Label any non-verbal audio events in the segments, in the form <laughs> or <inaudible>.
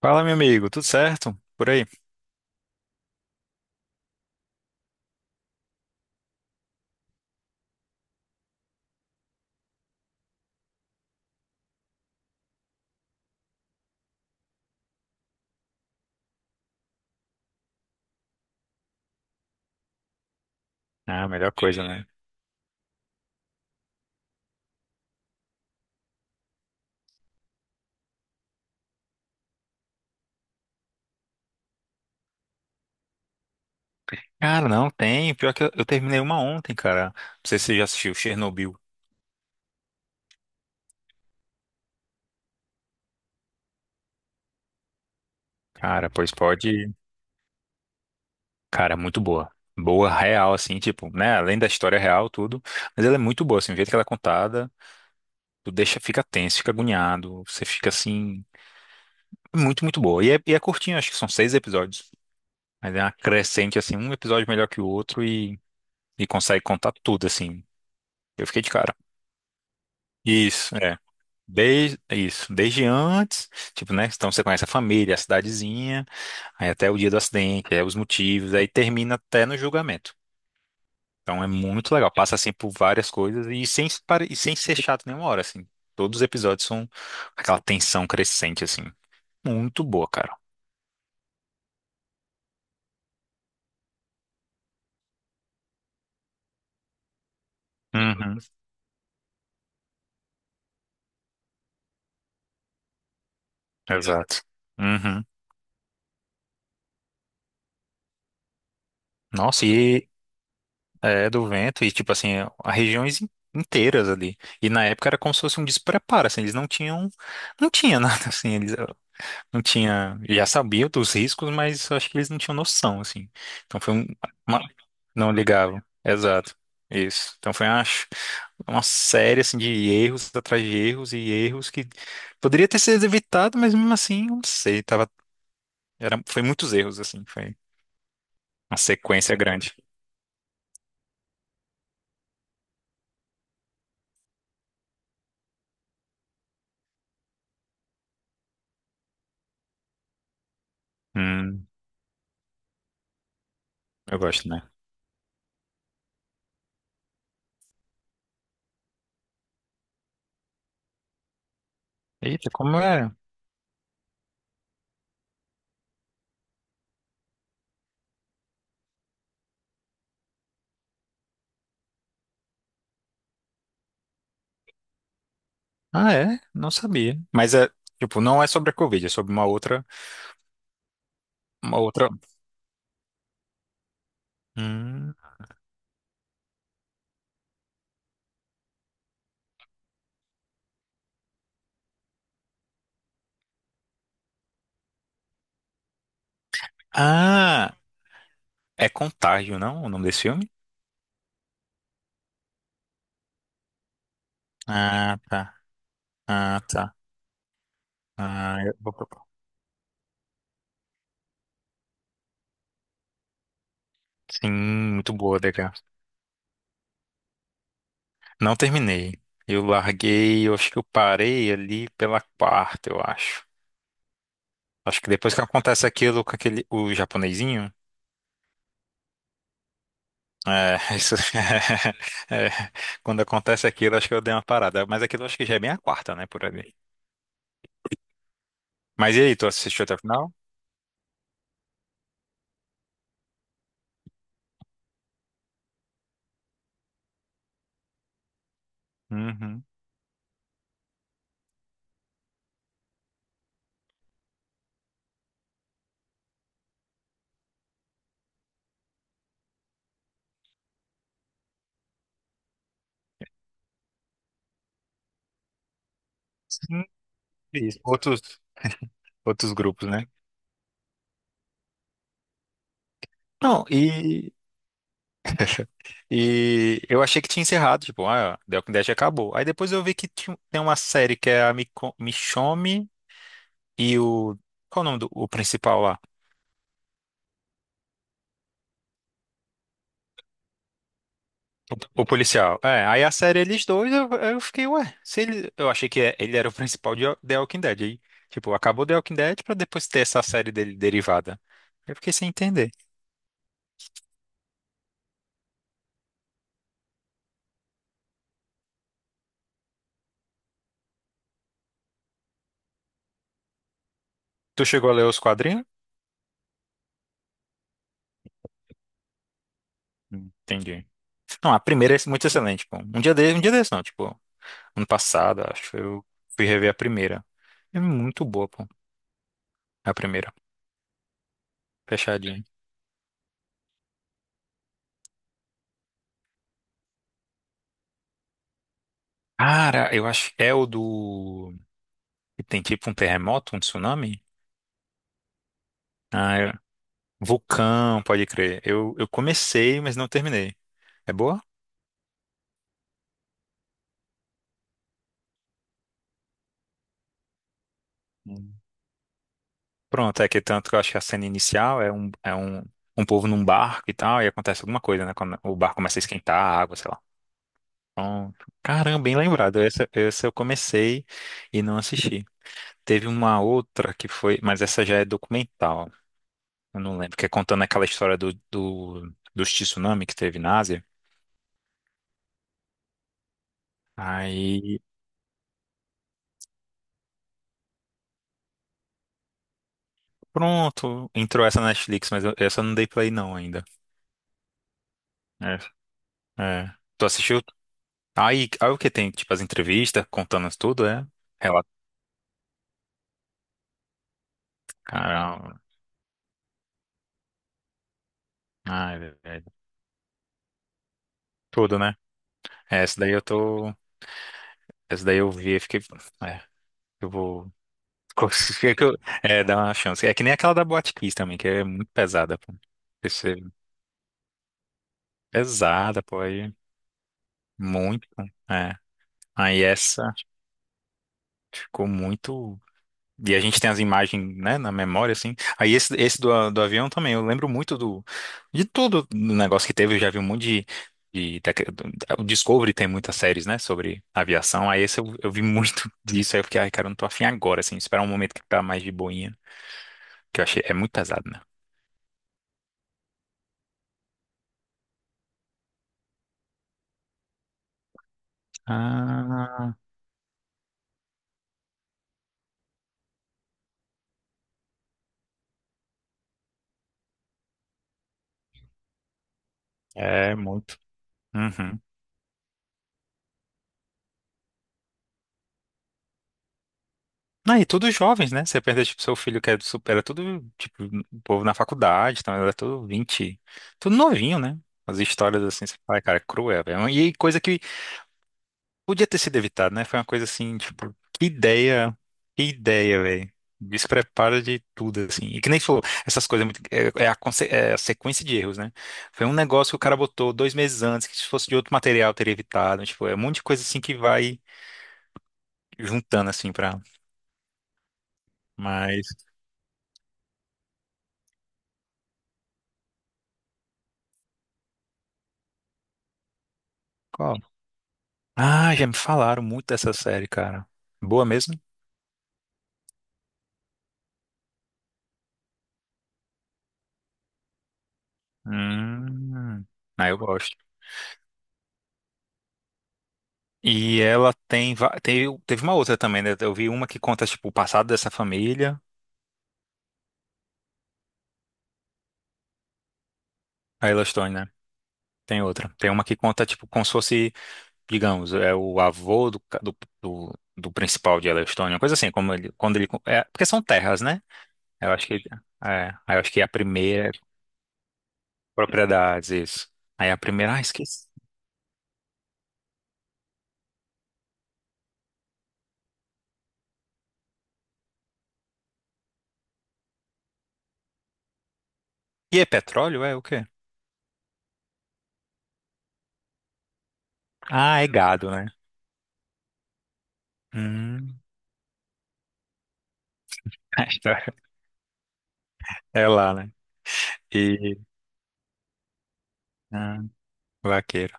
Fala, meu amigo, tudo certo? Por aí? Ah, melhor coisa, né? Cara, não tem. Pior que eu terminei uma ontem, cara. Não sei se você já assistiu Chernobyl. Cara, pois pode. Cara, muito boa. Boa, real, assim, tipo, né? Além da história real, tudo. Mas ela é muito boa, assim, o jeito que ela é contada. Tu deixa, fica tenso, fica agoniado. Você fica, assim, muito, muito boa. E é curtinho, acho que são 6 episódios. Mas é uma crescente, assim, um episódio melhor que o outro e consegue contar tudo, assim. Eu fiquei de cara. Isso, é. Desde, isso, desde antes, tipo, né? Então você conhece a família, a cidadezinha, aí até o dia do acidente, aí os motivos, aí termina até no julgamento. Então é muito legal, passa assim por várias coisas e sem ser chato nenhuma hora, assim. Todos os episódios são aquela tensão crescente, assim. Muito boa, cara. Uhum, exato. Uhum. Nossa, e é do vento, e tipo assim, a regiões inteiras ali. E na época era como se fosse um despreparo, assim, eles não tinham. Não tinha <laughs> nada assim. Eles, não tinha, já sabia dos riscos, mas eu acho que eles não tinham noção, assim. Então foi um, uma- não ligavam. Exato. Isso. Então foi uma série assim de erros atrás de erros e erros que poderia ter sido evitado, mas mesmo assim, eu não sei, tava era foi muitos erros assim, foi uma sequência grande. Hum, eu gosto, né? Eita, como é? Ah, é? Não sabia. Mas é, tipo, não é sobre a Covid, é sobre uma outra, uma outra. Hum. Ah, é Contágio, não? O nome desse filme? Ah, tá. Ah, tá. Ah, sim, muito boa, DK. Não terminei. Eu larguei, eu acho que eu parei ali pela quarta, eu acho. Acho que depois que acontece aquilo com aquele, o japonesinho, é, <laughs> isso, <laughs> é, quando acontece aquilo, acho que eu dei uma parada. Mas aquilo acho que já é bem a quarta, né, por ali. Mas e aí, tu assistiu até o final? Uhum. Sim, isso. Outros grupos, né? Não, e eu achei que tinha encerrado, tipo, ah, The Walking Dead acabou. Aí depois eu vi que tem uma série que é a Michonne e o. Qual o nome do o principal lá? O policial. É, aí a série eles dois, eu fiquei, ué, se ele, eu achei que ele era o principal de The Walking Dead. Aí, tipo, acabou The Walking Dead pra depois ter essa série dele derivada. Eu fiquei sem entender. Tu chegou a ler os quadrinhos? Entendi. Não, a primeira é muito excelente, pô. Um dia desse não, tipo, ano passado, acho, que eu fui rever a primeira. É muito boa, pô. A primeira. Fechadinha. Cara, eu acho. É o do, que tem tipo um terremoto, um tsunami? Ah, é. Vulcão, pode crer. Eu comecei, mas não terminei. É boa? Hum. Pronto, é que tanto que eu acho que a cena inicial um povo num barco e tal, e acontece alguma coisa, né? Quando o barco começa a esquentar a água, sei lá. Pronto. Caramba, bem lembrado. Essa eu comecei e não assisti. Teve uma outra que foi, mas essa já é documental. Eu não lembro, que é contando aquela história dos tsunami que teve na Ásia. Aí, pronto, entrou essa na Netflix, mas essa eu não dei play não ainda. É. É. Tu assistiu? Aí o que tem? Tipo, as entrevistas contando isso tudo, é? Relato. Caramba. Ai, velho. Tudo, né? É, essa daí eu tô. Essa daí eu vi e fiquei. É, eu vou. <laughs> Consegui que É, dá uma chance. É que nem aquela da Boate Kiss também, que é muito pesada, pô. Pesada, pô, aí muito, é. Aí essa ficou muito. E a gente tem as imagens, né, na memória, assim. Aí esse, do avião também, eu lembro muito do, de tudo do negócio que teve, eu já vi um monte de o Discovery tem muitas séries, né, sobre aviação. Aí esse eu vi muito <laughs> disso, aí eu fiquei, ai, cara, eu não tô afim agora, assim, esperar um momento que tá mais de boinha, que eu achei, é muito pesado, né? Ah, é muito. Uhum. Não, e todos jovens, né? Você pensa, tipo, seu filho que é super, era tudo, tipo, o povo na faculdade, então era tudo 20 tudo novinho, né? As histórias assim, você fala, cara, é cruel, velho. E coisa que podia ter sido evitada, né? Foi uma coisa assim, tipo, que ideia, velho. Despreparo de tudo, assim. E que nem falou, essas coisas, é é a sequência de erros, né? Foi um negócio que o cara botou 2 meses antes, que se fosse de outro material teria evitado, tipo, é um monte de coisa assim que vai juntando, assim, pra. Mas. Ah, já me falaram muito dessa série, cara. Boa mesmo? Hum, ah, eu gosto. E ela tem, teve uma outra também, né? Eu vi uma que conta, tipo, o passado dessa família. A Yellowstone, né? Tem outra. Tem uma que conta, tipo, como se fosse, digamos, é o avô do, ca- do, do, do principal de Yellowstone, uma coisa assim, como ele, quando ele, é, porque são terras, né? Eu acho que, é, aí eu acho que a primeira, é propriedades, isso. Aí a primeira, ah, esqueci. E é petróleo? É o quê? Ah, é gado, né? Hum. <laughs> A história é lá, né? E ah, vaqueiro.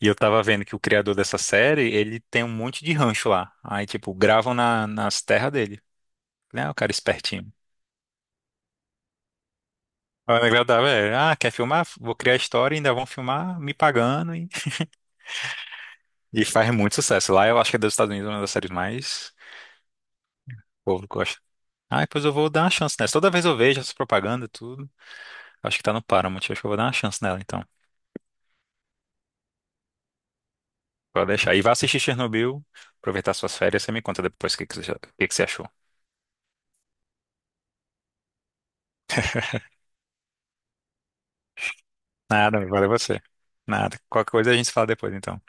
E eu tava vendo que o criador dessa série, ele tem um monte de rancho lá. Aí, tipo, gravam nas terras dele. Né? O cara é espertinho. Aí o negócio da velho, ah, quer filmar? Vou criar a história e ainda vão filmar me pagando. E faz muito sucesso. Lá eu acho que é dos Estados Unidos uma das séries mais. O povo gosta. Ah, depois eu vou dar uma chance nessa. Toda vez eu vejo essa propaganda, tudo. Acho que tá no Paramount. Acho que eu vou dar uma chance nela, então. Pode deixar. E vá assistir Chernobyl, aproveitar suas férias. Você me conta depois o que que você achou. Nada, valeu você. Nada. Qualquer coisa a gente fala depois, então.